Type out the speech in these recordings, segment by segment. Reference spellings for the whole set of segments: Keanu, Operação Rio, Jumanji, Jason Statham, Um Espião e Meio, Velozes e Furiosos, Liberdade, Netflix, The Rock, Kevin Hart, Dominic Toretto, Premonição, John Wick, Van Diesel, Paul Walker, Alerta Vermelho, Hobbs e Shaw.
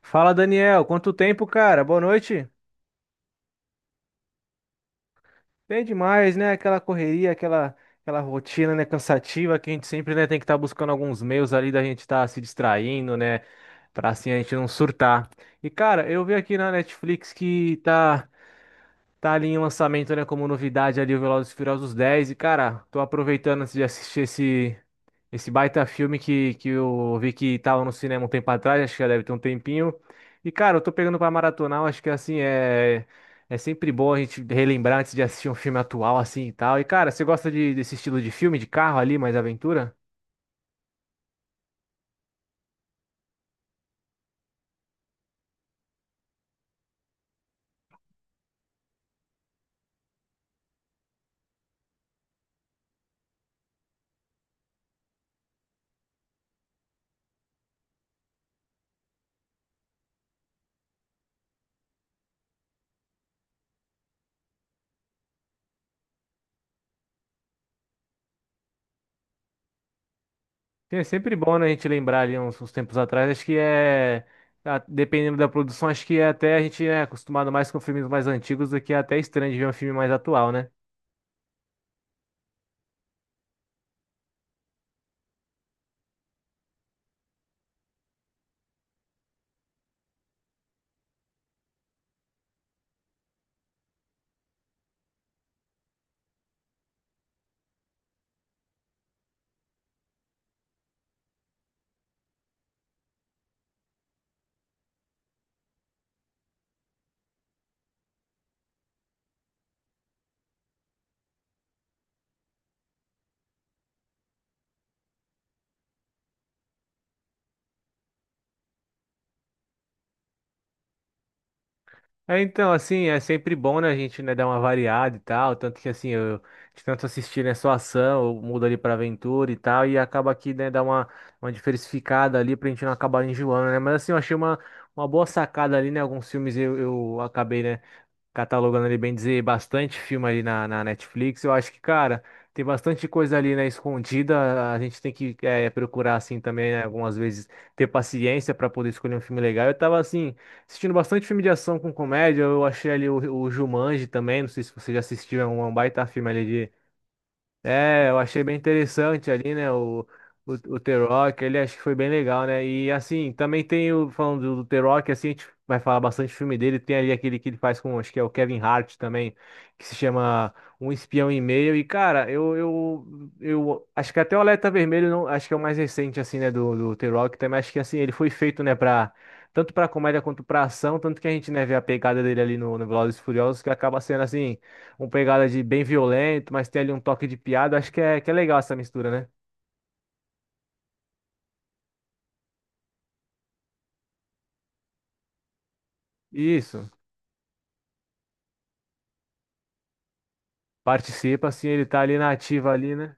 Fala, Daniel. Quanto tempo, cara? Boa noite. Bem demais, né? Aquela correria, aquela rotina, né? Cansativa que a gente sempre, né, tem que estar buscando alguns meios ali da gente estar se distraindo, né? Pra assim a gente não surtar. E, cara, eu vi aqui na Netflix que tá. Tá ali em lançamento, né, como novidade ali o Velozes e Furiosos 10. E cara, tô aproveitando antes de assistir esse baita filme que eu vi que tava no cinema um tempo atrás, acho que já deve ter um tempinho. E cara, eu tô pegando pra maratonar, eu acho que assim é sempre bom a gente relembrar antes de assistir um filme atual assim e tal. E cara, você gosta desse estilo de filme de carro ali, mais aventura? É sempre bom, né, a gente lembrar ali uns tempos atrás. Acho que é, dependendo da produção, acho que é até a gente é acostumado mais com filmes mais antigos do que é até estranho de ver um filme mais atual, né? É, então, assim, é sempre bom, né, a gente, né, dar uma variada e tal. Tanto que, assim, eu de tanto assistir, né, só ação, eu mudo ali pra aventura e tal. E acaba que, né, dá uma diversificada ali pra gente não acabar enjoando, né? Mas, assim, eu achei uma boa sacada ali, né? Alguns filmes eu acabei, né, catalogando ali, bem dizer, bastante filme ali na Netflix. Eu acho que, cara, tem bastante coisa ali, né, escondida. A gente tem que procurar, assim, também, né, algumas vezes, ter paciência para poder escolher um filme legal. Eu tava, assim, assistindo bastante filme de ação com comédia. Eu achei ali o Jumanji também. Não sei se você já assistiu, é um baita filme ali. É, eu achei bem interessante ali, né? O The Rock, ele acho que foi bem legal, né? E assim, também tem o, falando do The Rock, assim, a gente vai falar bastante do filme dele. Tem ali aquele que ele faz com, acho que é o Kevin Hart também, que se chama Um Espião e Meio. E cara, eu acho que até o Alerta Vermelho, não, acho que é o mais recente, assim, né? Do The Rock também. Acho que assim, ele foi feito, né, pra. Tanto pra comédia quanto pra ação, tanto que a gente, né, vê a pegada dele ali no Velozes e Furiosos, que acaba sendo assim uma pegada de bem violento, mas tem ali um toque de piada. Acho que que é legal essa mistura, né? Isso. Participa, assim, ele tá ali na ativa ali, né?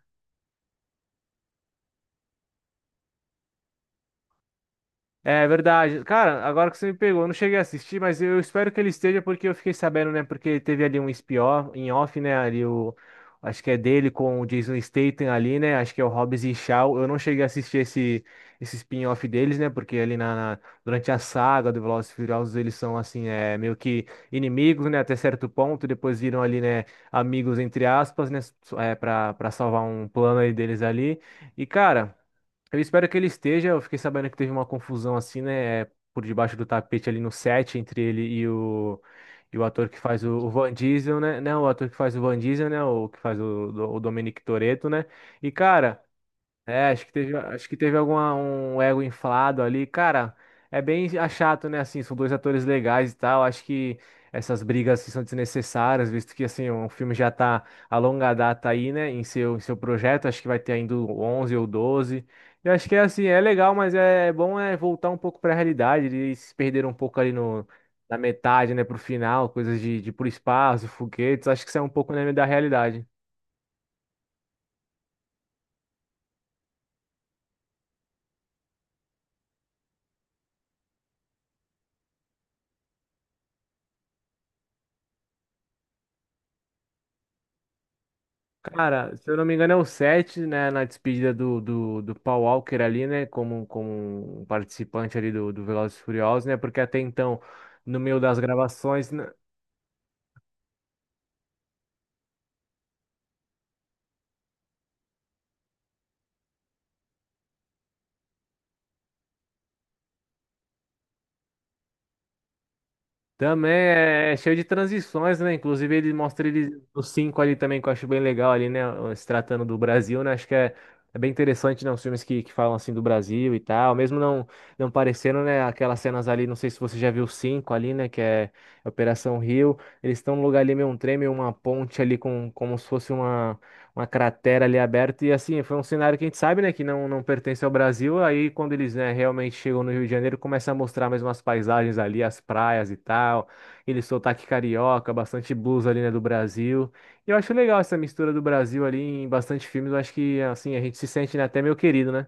É verdade. Cara, agora que você me pegou, eu não cheguei a assistir, mas eu espero que ele esteja, porque eu fiquei sabendo, né? Porque teve ali um spin-off, em off, né? Ali o. Acho que é dele com o Jason Statham ali, né? Acho que é o Hobbs e Shaw. Eu não cheguei a assistir esse spin-off deles, né? Porque ali na durante a saga do Velozes e Furiosos eles são, assim, é, meio que inimigos, né? Até certo ponto. Depois viram ali, né, amigos, entre aspas, né? É, pra salvar um plano aí deles ali. E, cara. Eu espero que ele esteja. Eu fiquei sabendo que teve uma confusão assim, né? Por debaixo do tapete ali no set entre ele e o ator que faz o Van Diesel, né? Não, o ator que faz o Van Diesel, né? O que faz o Dominic Toretto, né? E cara. É, acho que teve alguma, um ego inflado ali. Cara, é bem chato, né? Assim, são dois atores legais e tal. Acho que essas brigas assim, são desnecessárias, visto que assim, o filme já tá a longa data aí, né? Em seu projeto. Acho que vai ter ainda o 11 ou doze. Eu acho que é assim, é legal, mas é bom é voltar um pouco pra realidade. Eles se perderam um pouco ali no, na metade, né? Pro final, coisas de ir pro espaço, foguetes. Acho que isso é um pouco, né, da realidade. Cara, se eu não me engano, é o 7, né? Na despedida do Paul Walker ali, né? Como, como um participante ali do Velozes e Furiosos, né? Porque até então, no meio das gravações. Também é cheio de transições, né? Inclusive, ele mostra ele, os cinco ali também, que eu acho bem legal ali, né? Se tratando do Brasil, né? Acho que é, é bem interessante, né? Os filmes que falam assim do Brasil e tal, mesmo não, não parecendo, né? Aquelas cenas ali, não sei se você já viu os cinco ali, né? Que é Operação Rio. Eles estão num lugar ali meio um trem, meio uma ponte ali, com, como se fosse uma cratera ali aberta. E assim, foi um cenário que a gente sabe, né, que não, não pertence ao Brasil. Aí, quando eles, né, realmente chegam no Rio de Janeiro, começa a mostrar mais umas paisagens ali, as praias e tal. Ele sotaque carioca, bastante blues ali, né, do Brasil. E eu acho legal essa mistura do Brasil ali em bastante filmes. Eu acho que, assim, a gente se sente, né, até meio querido, né?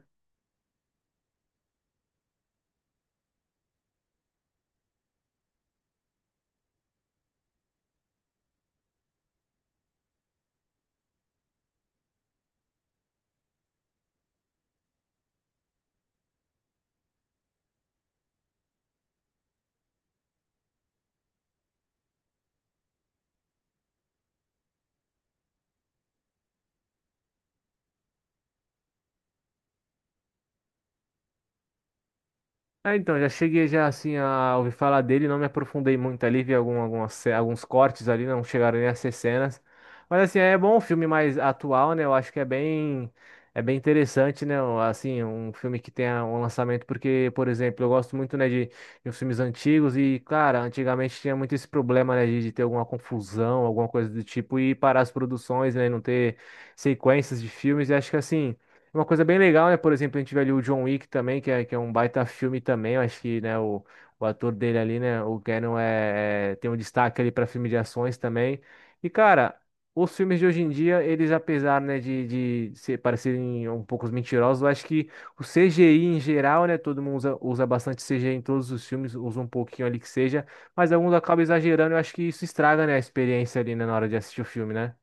Ah, então, já cheguei já assim a ouvir falar dele, não me aprofundei muito ali, vi algum, algumas, alguns cortes ali, não chegaram nem a ser cenas. Mas assim, é bom um filme mais atual, né? Eu acho que é bem interessante, né? Assim, um filme que tenha um lançamento, porque, por exemplo, eu gosto muito, né, de uns filmes antigos e, cara, antigamente tinha muito esse problema, né, de ter alguma confusão, alguma coisa do tipo, e parar as produções, né, e não ter sequências de filmes, e acho que assim. É uma coisa bem legal, né? Por exemplo, a gente vê ali o John Wick também, que é um baita filme também. Eu acho que, né, o ator dele ali, né, o Keanu tem um destaque ali para filme de ações também. E, cara, os filmes de hoje em dia, eles, apesar, né, de ser, parecerem um pouco mentirosos, eu acho que o CGI em geral, né, todo mundo usa bastante CGI em todos os filmes, usa um pouquinho ali que seja, mas alguns acabam exagerando. Eu acho que isso estraga, né, a experiência ali, né, na hora de assistir o filme, né?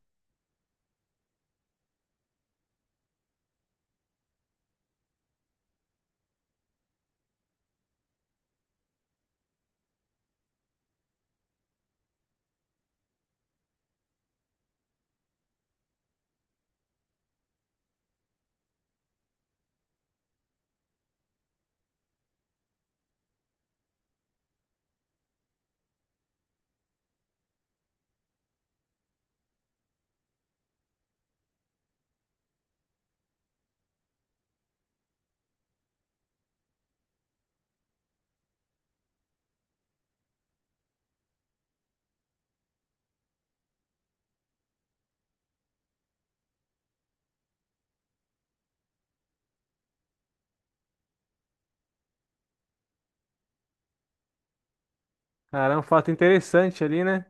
Cara, é um fato interessante ali, né?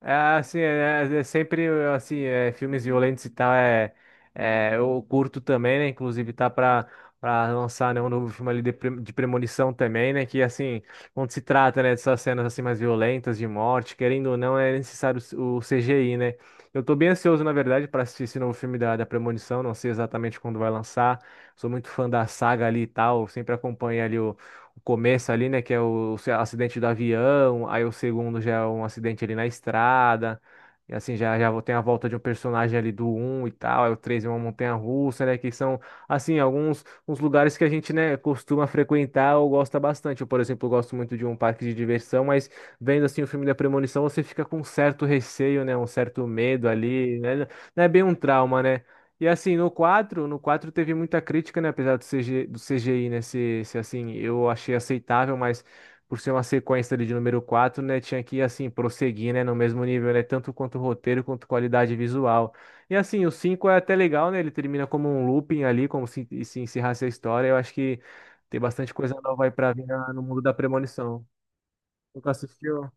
É, assim, é, é sempre, filmes violentos e tal, eu curto também, né, inclusive tá pra lançar, né, um novo filme ali de, de Premonição também, né, que, assim, quando se trata, né, dessas cenas, assim, mais violentas, de morte, querendo ou não, é necessário o CGI, né. Eu tô bem ansioso, na verdade, pra assistir esse novo filme da Premonição, não sei exatamente quando vai lançar, sou muito fã da saga ali e tal, sempre acompanho ali o começo ali, né, que é o acidente do avião, aí o segundo já é um acidente ali na estrada, e assim, já, já tem a volta de um personagem ali do um e tal, aí o 3 é uma montanha-russa, né, que são, assim, alguns uns lugares que a gente, né, costuma frequentar ou gosta bastante. Eu, por exemplo, gosto muito de um parque de diversão, mas vendo, assim, o filme da Premonição, você fica com um certo receio, né, um certo medo ali, né, não é bem um trauma, né, e assim, no 4 teve muita crítica, né? Apesar do CG, do CGI, né? Se assim, eu achei aceitável, mas por ser uma sequência ali de número quatro, né? Tinha que, assim, prosseguir, né? No mesmo nível, né? Tanto quanto o roteiro, quanto qualidade visual. E assim, o 5 é até legal, né? Ele termina como um looping ali, como se encerrasse a história. Eu acho que tem bastante coisa nova aí pra vir no mundo da premonição. Nunca assistiu?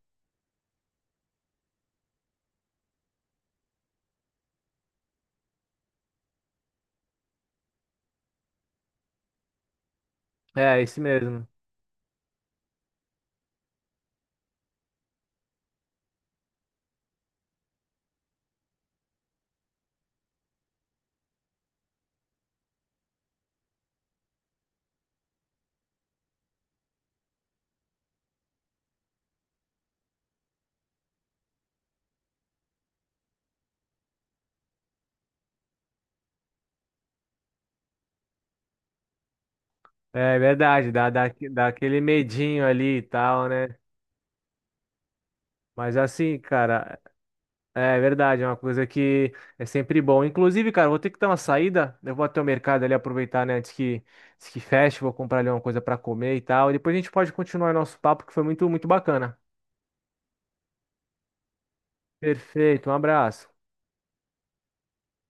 É, esse mesmo. É verdade, dá aquele medinho ali e tal, né? Mas assim, cara, é verdade, é uma coisa que é sempre bom. Inclusive, cara, eu vou ter que dar uma saída. Eu vou até o mercado ali aproveitar, né, antes que feche, vou comprar ali uma coisa para comer e tal. E depois a gente pode continuar nosso papo, que foi muito bacana. Perfeito, um abraço.